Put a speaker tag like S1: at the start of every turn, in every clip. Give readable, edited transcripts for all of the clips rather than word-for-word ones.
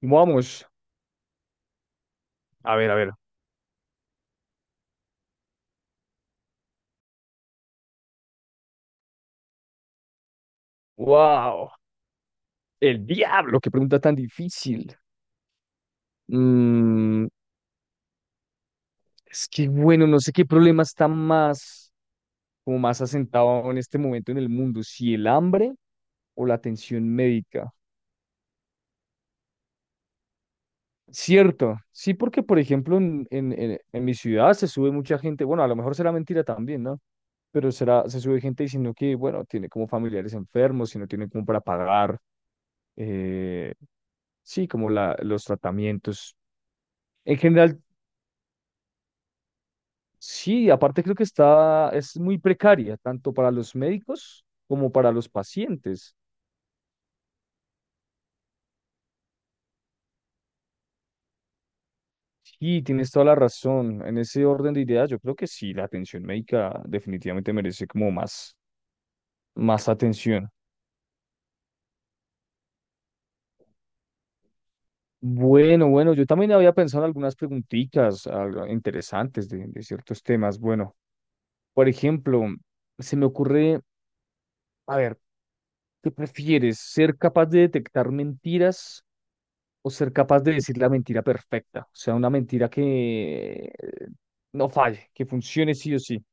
S1: Vamos, a ver, a ver. Wow, el diablo, qué pregunta tan difícil. Mm, es que bueno, no sé qué problema está más, como más asentado en este momento en el mundo, si el hambre o la atención médica. Cierto, sí, porque por ejemplo en mi ciudad se sube mucha gente, bueno, a lo mejor será mentira también, ¿no? Pero será, se sube gente diciendo que, bueno, tiene como familiares enfermos y no tiene como para pagar, eh, sí, como los tratamientos. En general, sí, aparte creo que está, es muy precaria, tanto para los médicos como para los pacientes. Sí, tienes toda la razón. En ese orden de ideas, yo creo que sí, la atención médica definitivamente merece como más, más atención. Bueno, bueno, yo también había pensado en algunas preguntitas algo interesantes de ciertos temas. Bueno, por ejemplo, se me ocurre, a ver, ¿qué prefieres? ¿Ser capaz de detectar mentiras o ser capaz de decir la mentira perfecta? O sea, una mentira que no falle, que funcione sí o sí.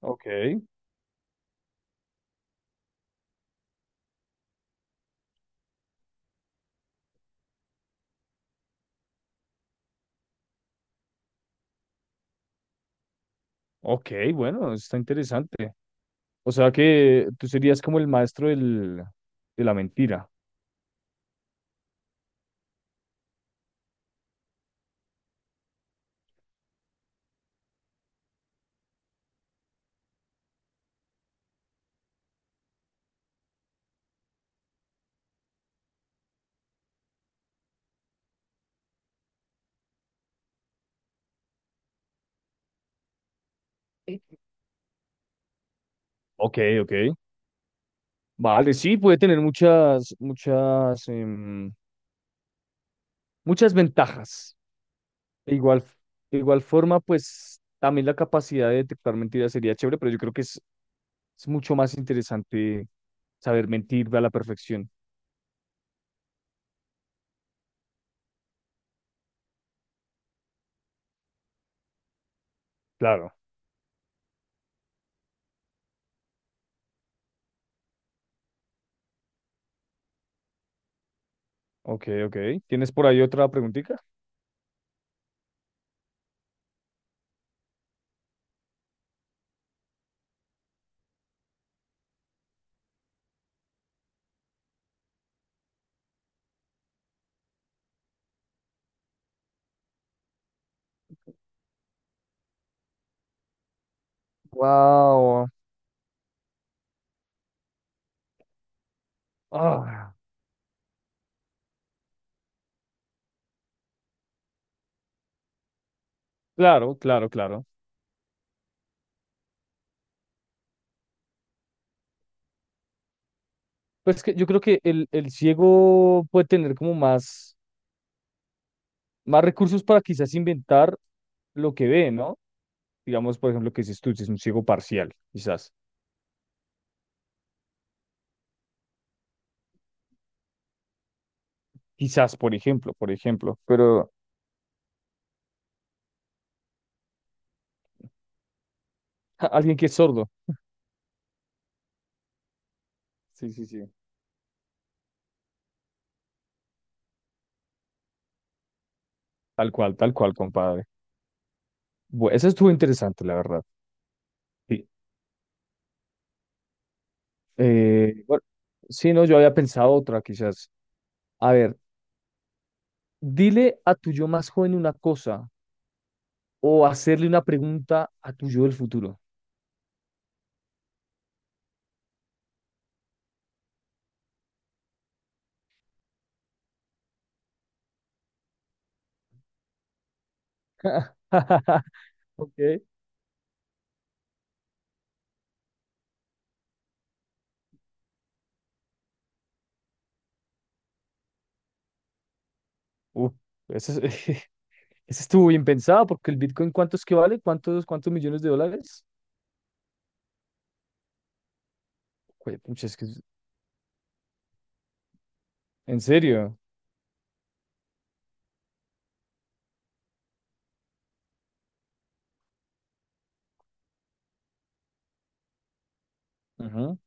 S1: Ok, ok, bueno, está interesante. O sea que tú serías como el maestro de la mentira. Sí. Ok, ok. Vale, sí, puede tener muchas, muchas, muchas ventajas. De igual, de igual forma, pues también la capacidad de detectar mentiras sería chévere, pero yo creo que es mucho más interesante saber mentir a la perfección. Claro. Ok, ok. ¿Tienes por ahí otra preguntita? Wow. Ah, claro, claro, claro. Pues que yo creo que el ciego puede tener como más, más recursos para quizás inventar lo que ve, ¿no? Digamos, por ejemplo, que dices tú, si es un ciego parcial, quizás. Quizás, por ejemplo, por ejemplo. Pero ja, alguien que es sordo. Sí, sí, sí. Tal cual, compadre. Bueno, eso estuvo interesante, la verdad. Sí. Bueno, sí, no, yo había pensado otra, quizás. A ver. Dile a tu yo más joven una cosa o hacerle una pregunta a tu yo del futuro. Ok. Uh, eso, es- eso estuvo bien pensado porque el Bitcoin, ¿cuántos que vale? ¿Cuántos, cuántos millones de dólares? Jue- pucha, es que es- ¿en serio? Ujú,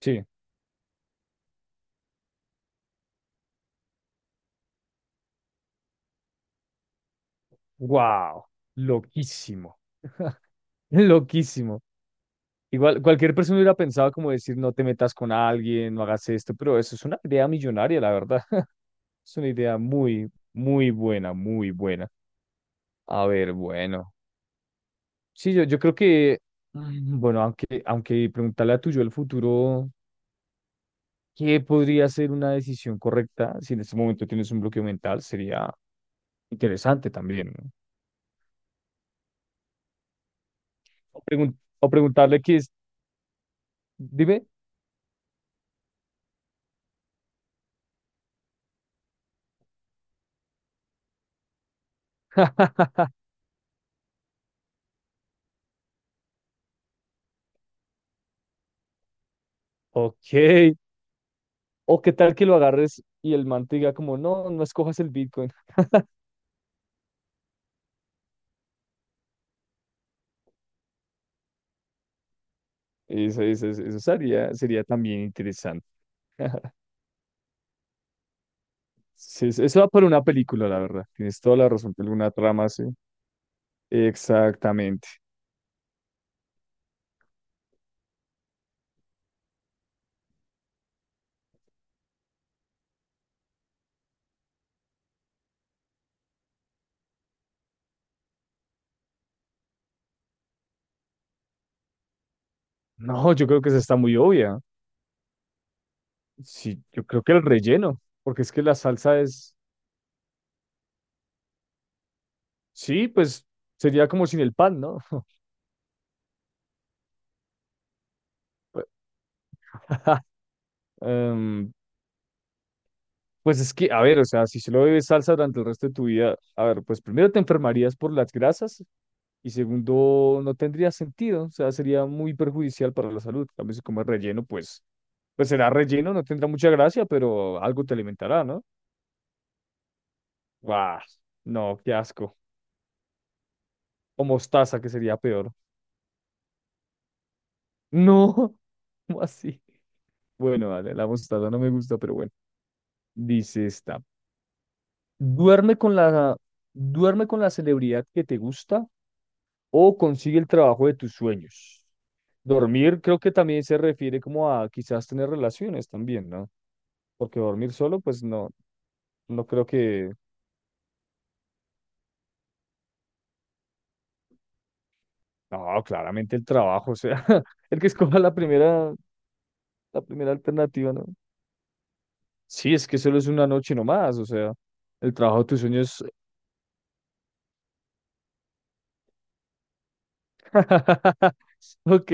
S1: sí. Wow. Loquísimo. Loquísimo. Igual, cualquier persona hubiera pensado como decir, no te metas con alguien, no hagas esto, pero eso es una idea millonaria, la verdad. Es una idea muy, muy buena, muy buena. A ver, bueno. Sí, yo creo que, bueno, aunque, aunque preguntarle a tu yo el futuro, ¿qué podría ser una decisión correcta si en este momento tienes un bloqueo mental? Sería interesante también, ¿no? O, pregun- o preguntarle qué es, dime, ok, o qué tal que lo agarres y el man te diga como, no, no escojas el Bitcoin. Eso, eso sería, sería también interesante. Sí, eso va por una película, la verdad. Tienes toda la razón, alguna trama, sí. Exactamente. No, yo creo que esa está muy obvia. Sí, yo creo que el relleno, porque es que la salsa es, sí, pues sería como sin el pan, ¿no? Pues Em, pues es que, a ver, o sea, si solo bebes salsa durante el resto de tu vida, a ver, pues primero te enfermarías por las grasas. Y segundo, no tendría sentido, o sea, sería muy perjudicial para la salud. También si comes relleno, pues, pues será relleno, no tendrá mucha gracia, pero algo te alimentará, ¿no? ¡Guau! No, qué asco. O mostaza, que sería peor. No, ¿cómo así? Bueno, vale, la mostaza no me gusta, pero bueno. Dice esta. Duerme con la, duerme con la celebridad que te gusta o consigue el trabajo de tus sueños. Dormir creo que también se refiere como a quizás tener relaciones también, ¿no? Porque dormir solo, pues no, no creo que, no, claramente el trabajo, o sea, el que escoja la primera alternativa, ¿no? Sí, es que solo es una noche nomás, o sea, el trabajo de tus sueños, ok,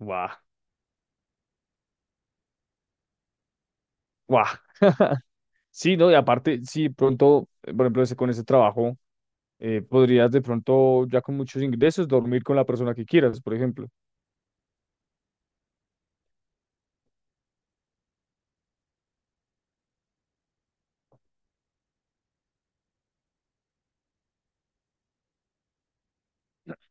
S1: guau, guau. Sí, ¿no? Y aparte, sí, pronto, por ejemplo, ese- con ese trabajo, podrías de pronto, ya con muchos ingresos, dormir con la persona que quieras, por ejemplo.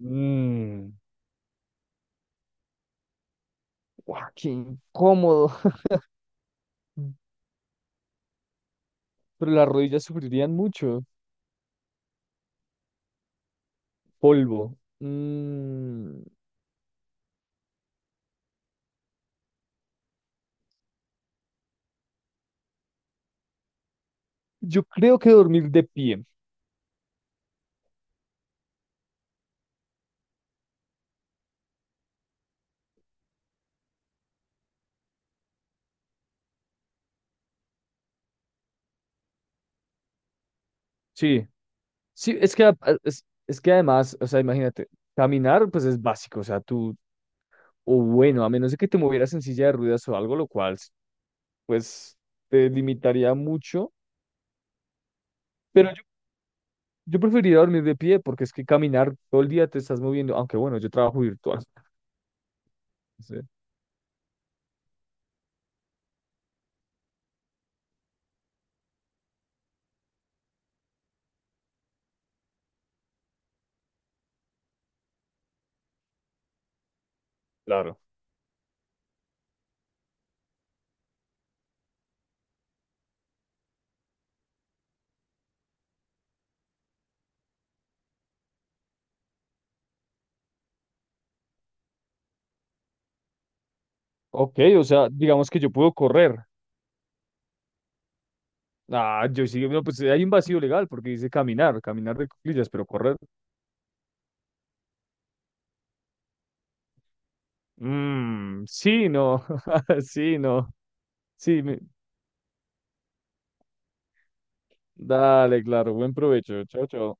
S1: Mm, guau, qué incómodo. Pero las rodillas sufrirían mucho. Polvo. Yo creo que dormir de pie. Sí, sí, es que, es que además, o sea, imagínate, caminar pues es básico, o sea, tú, o bueno, a menos de que te movieras en silla de ruedas o algo, lo cual pues te limitaría mucho, pero yo preferiría dormir de pie porque es que caminar todo el día te estás moviendo, aunque bueno, yo trabajo virtual. Sí, claro. Ok, o sea, digamos que yo puedo correr. Ah, yo sí, no, pues hay un vacío legal porque dice caminar, caminar de cuclillas, pero correr. Mmm, sí, no, sí, no. Sí, me- dale, claro, buen provecho. Chao, chao.